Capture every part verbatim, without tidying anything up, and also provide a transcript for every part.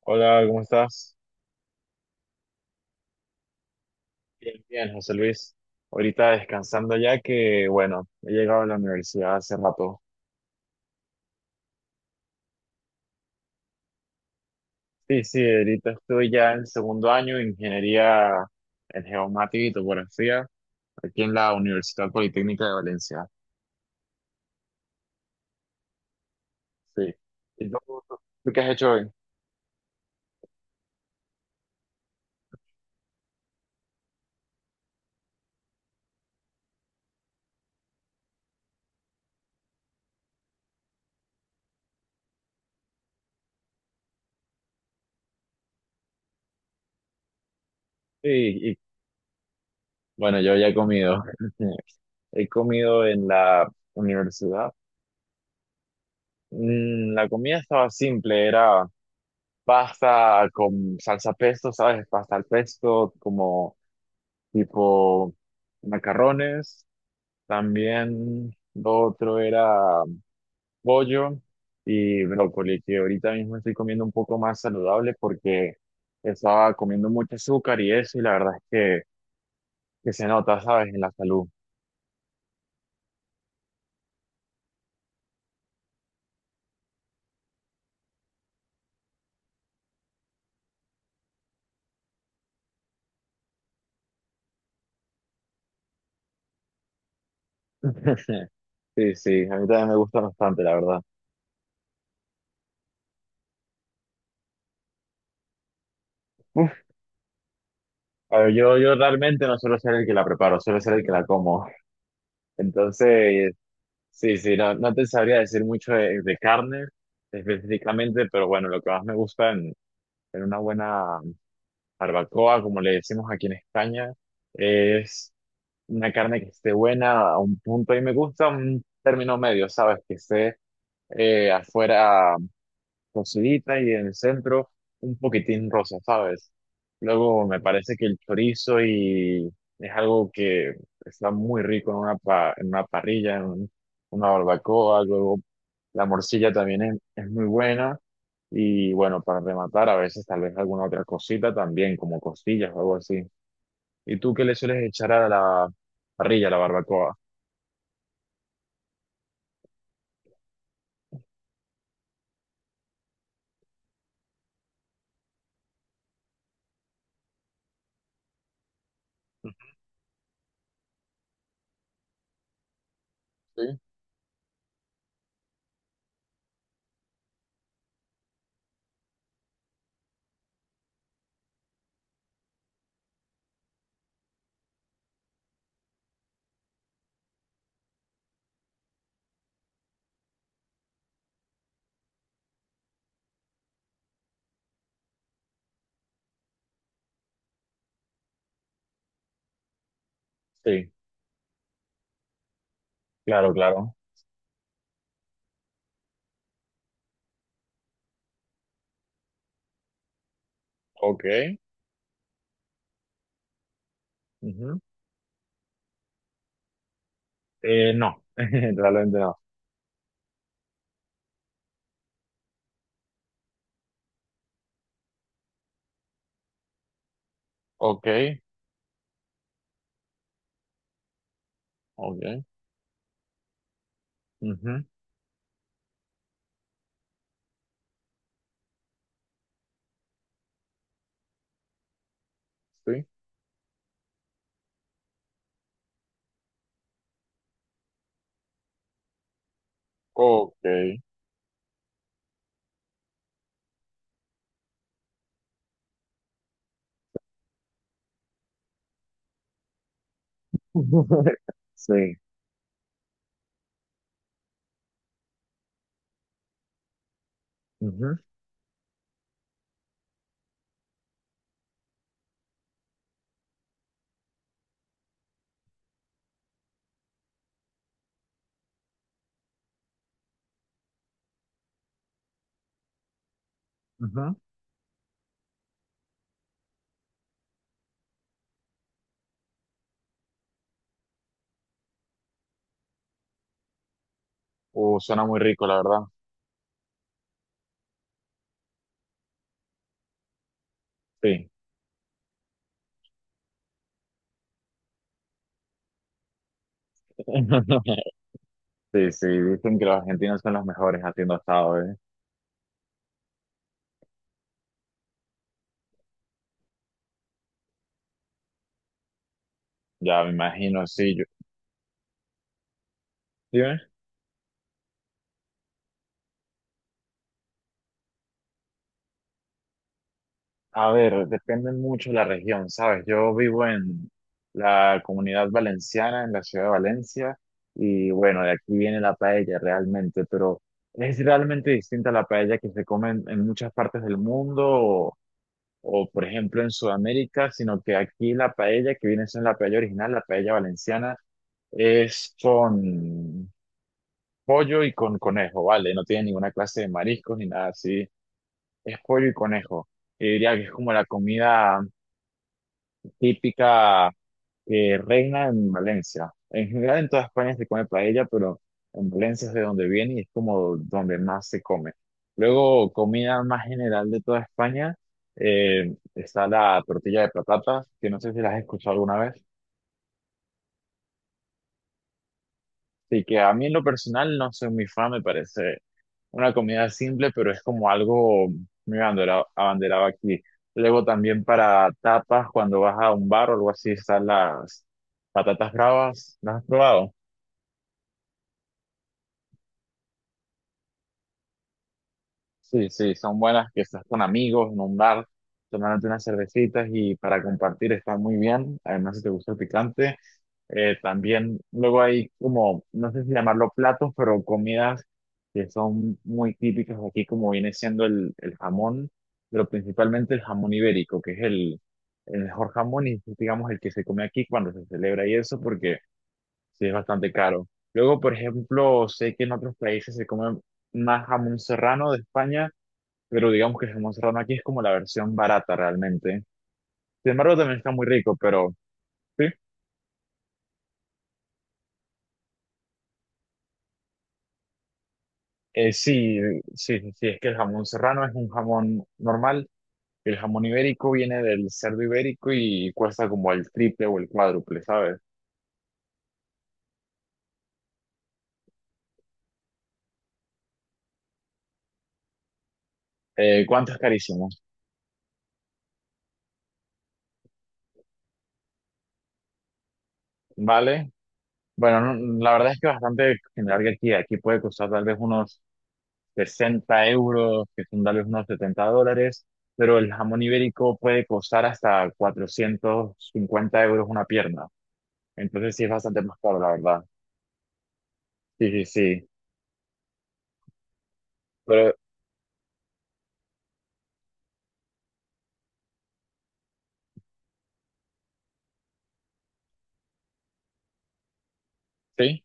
Hola, ¿cómo estás? Bien, bien, José Luis. Ahorita descansando ya que, bueno, he llegado a la universidad hace rato. Sí, sí, ahorita estoy ya en segundo año de ingeniería en geomática y topografía aquí en la Universidad Politécnica de Valencia. Sí. ¿Y tú, tú- tú qué has hecho hoy? Sí, y bueno, yo ya he comido. He comido en la universidad. Mm, La comida estaba simple, era pasta con salsa pesto, ¿sabes? Pasta al pesto, como tipo macarrones. También lo otro era pollo y brócoli, que ahorita mismo estoy comiendo un poco más saludable porque estaba comiendo mucho azúcar y eso, y la verdad es que, que se nota, ¿sabes? En la salud. Sí, sí, a mí también me gusta bastante, la verdad. Uf, a ver, yo, yo realmente no suelo ser el que la preparo, suelo ser el que la como. Entonces, sí, sí, no, no te sabría decir mucho de, de carne específicamente, pero bueno, lo que más me gusta en, en una buena barbacoa, como le decimos aquí en España, es una carne que esté buena a un punto. Y me gusta un término medio, ¿sabes? Que esté eh, afuera cocidita y en el centro un poquitín rosa, ¿sabes? Luego me parece que el chorizo y es algo que está muy rico en una, pa- en una parrilla, en un- una barbacoa, luego la morcilla también es, es muy buena y bueno, para rematar a veces tal vez alguna otra cosita también, como costillas o algo así. ¿Y tú qué le sueles echar a la parrilla, a la barbacoa? Sí. Sí, claro, claro. Ok. Ujú. Eh, no, realmente no. Ok. Ok. Ujú, sí. Ok. Sí. Ujú, ujú. Uh, suena muy rico, la verdad. Sí. Sí, sí, dicen que los argentinos son los mejores haciendo asado, ¿eh? Ya me imagino, sí. Yo, ¿sí ves? A ver, depende mucho de la región, ¿sabes? Yo vivo en la comunidad valenciana, en la ciudad de Valencia, y bueno, de aquí viene la paella realmente, pero es realmente distinta a la paella que se come en, en muchas partes del mundo o por ejemplo en Sudamérica, sino que aquí la paella que viene siendo la paella original, la paella valenciana, es con pollo y con conejo, ¿vale? No tiene ninguna clase de mariscos ni nada así, es pollo y conejo. Y diría que es como la comida típica que reina en Valencia. En general en toda España se come paella, pero en Valencia es de donde viene y es como donde más se come. Luego, comida más general de toda España, eh, está la tortilla de patatas, que no sé si las has escuchado alguna vez. Sí que a mí en lo personal no soy muy fan, me parece una comida simple, pero es como algo muy abandera- abanderado aquí. Luego también para tapas, cuando vas a un bar o algo así, están las patatas bravas. ¿Las has probado? Sí, sí, son buenas que estás con amigos en un bar, tomándote unas cervecitas y para compartir está muy bien. Además, si te gusta el picante, eh, también luego hay como, no sé si llamarlo platos, pero comidas que son muy típicas de aquí, como viene siendo el, el jamón, pero principalmente el jamón ibérico, que es el, el mejor jamón y digamos el que se come aquí cuando se celebra y eso, porque sí es bastante caro. Luego, por ejemplo, sé que en otros países se come más jamón serrano de España, pero digamos que el jamón serrano aquí es como la versión barata realmente. Sin embargo, también está muy rico, pero sí. Eh, sí, sí, sí, sí, es que el jamón serrano es un jamón normal. El jamón ibérico viene del cerdo ibérico y cuesta como el triple o el cuádruple, ¿sabes? Eh, ¿cuánto es carísimo? ¿Vale? Bueno, no- la verdad es que bastante general que aquí. Aquí puede costar tal vez unos sesenta euros, que son tal vez unos setenta dólares, pero el jamón ibérico puede costar hasta cuatrocientos cincuenta euros una pierna. Entonces sí es bastante más caro, la verdad. Sí, sí, sí. Pero sí,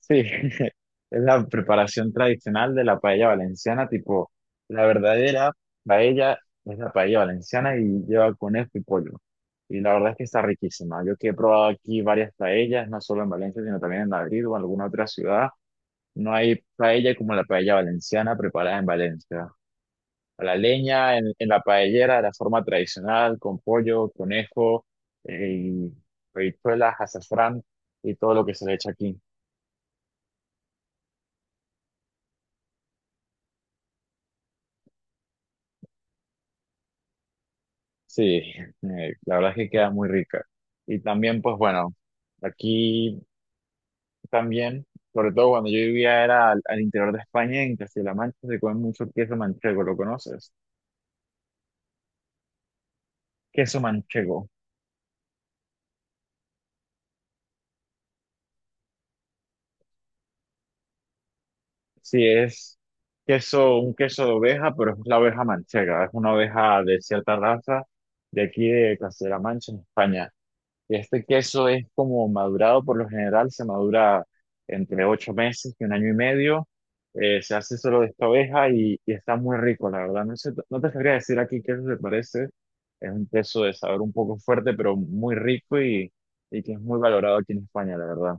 sí. Es la preparación tradicional de la paella valenciana, tipo, la verdadera paella es la paella valenciana y lleva conejo y pollo. Y la verdad es que está riquísima. Yo que he probado aquí varias paellas, no solo en Valencia, sino también en Madrid o en alguna otra ciudad. No hay paella como la paella valenciana preparada en Valencia. A la leña, en, en la paellera, de la forma tradicional, con pollo, conejo, eh, y habichuelas, azafrán y todo lo que se le echa aquí. Sí, eh, la verdad es que queda muy rica. Y también, pues bueno, aquí también, sobre todo cuando yo vivía era al, al interior de España, en Castilla-La Mancha, se come mucho queso manchego, ¿lo conoces? Queso manchego. Sí, es queso, un queso de oveja, pero es la oveja manchega. Es una oveja de cierta raza de aquí de Castilla-La Mancha, en España. Y este queso es como madurado, por lo general se madura entre ocho meses y un año y medio. Eh, se hace solo de esta oveja y, y está muy rico, la verdad. No sé, no te sabría decir aquí qué se parece. Es un queso de sabor un poco fuerte, pero muy rico y, y que es muy valorado aquí en España, la verdad.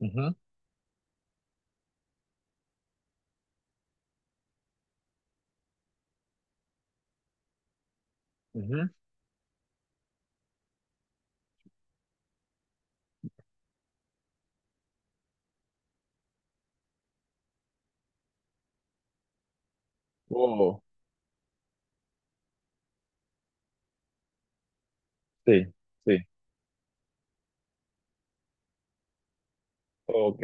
Ujú, ujú. Oh, sí, sí. Ok.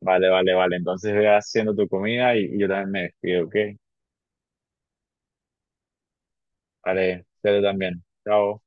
Vale, vale, vale. Entonces ve haciendo tu comida y, y yo también me despido, ¿ok? Vale, ustedes también. Chao.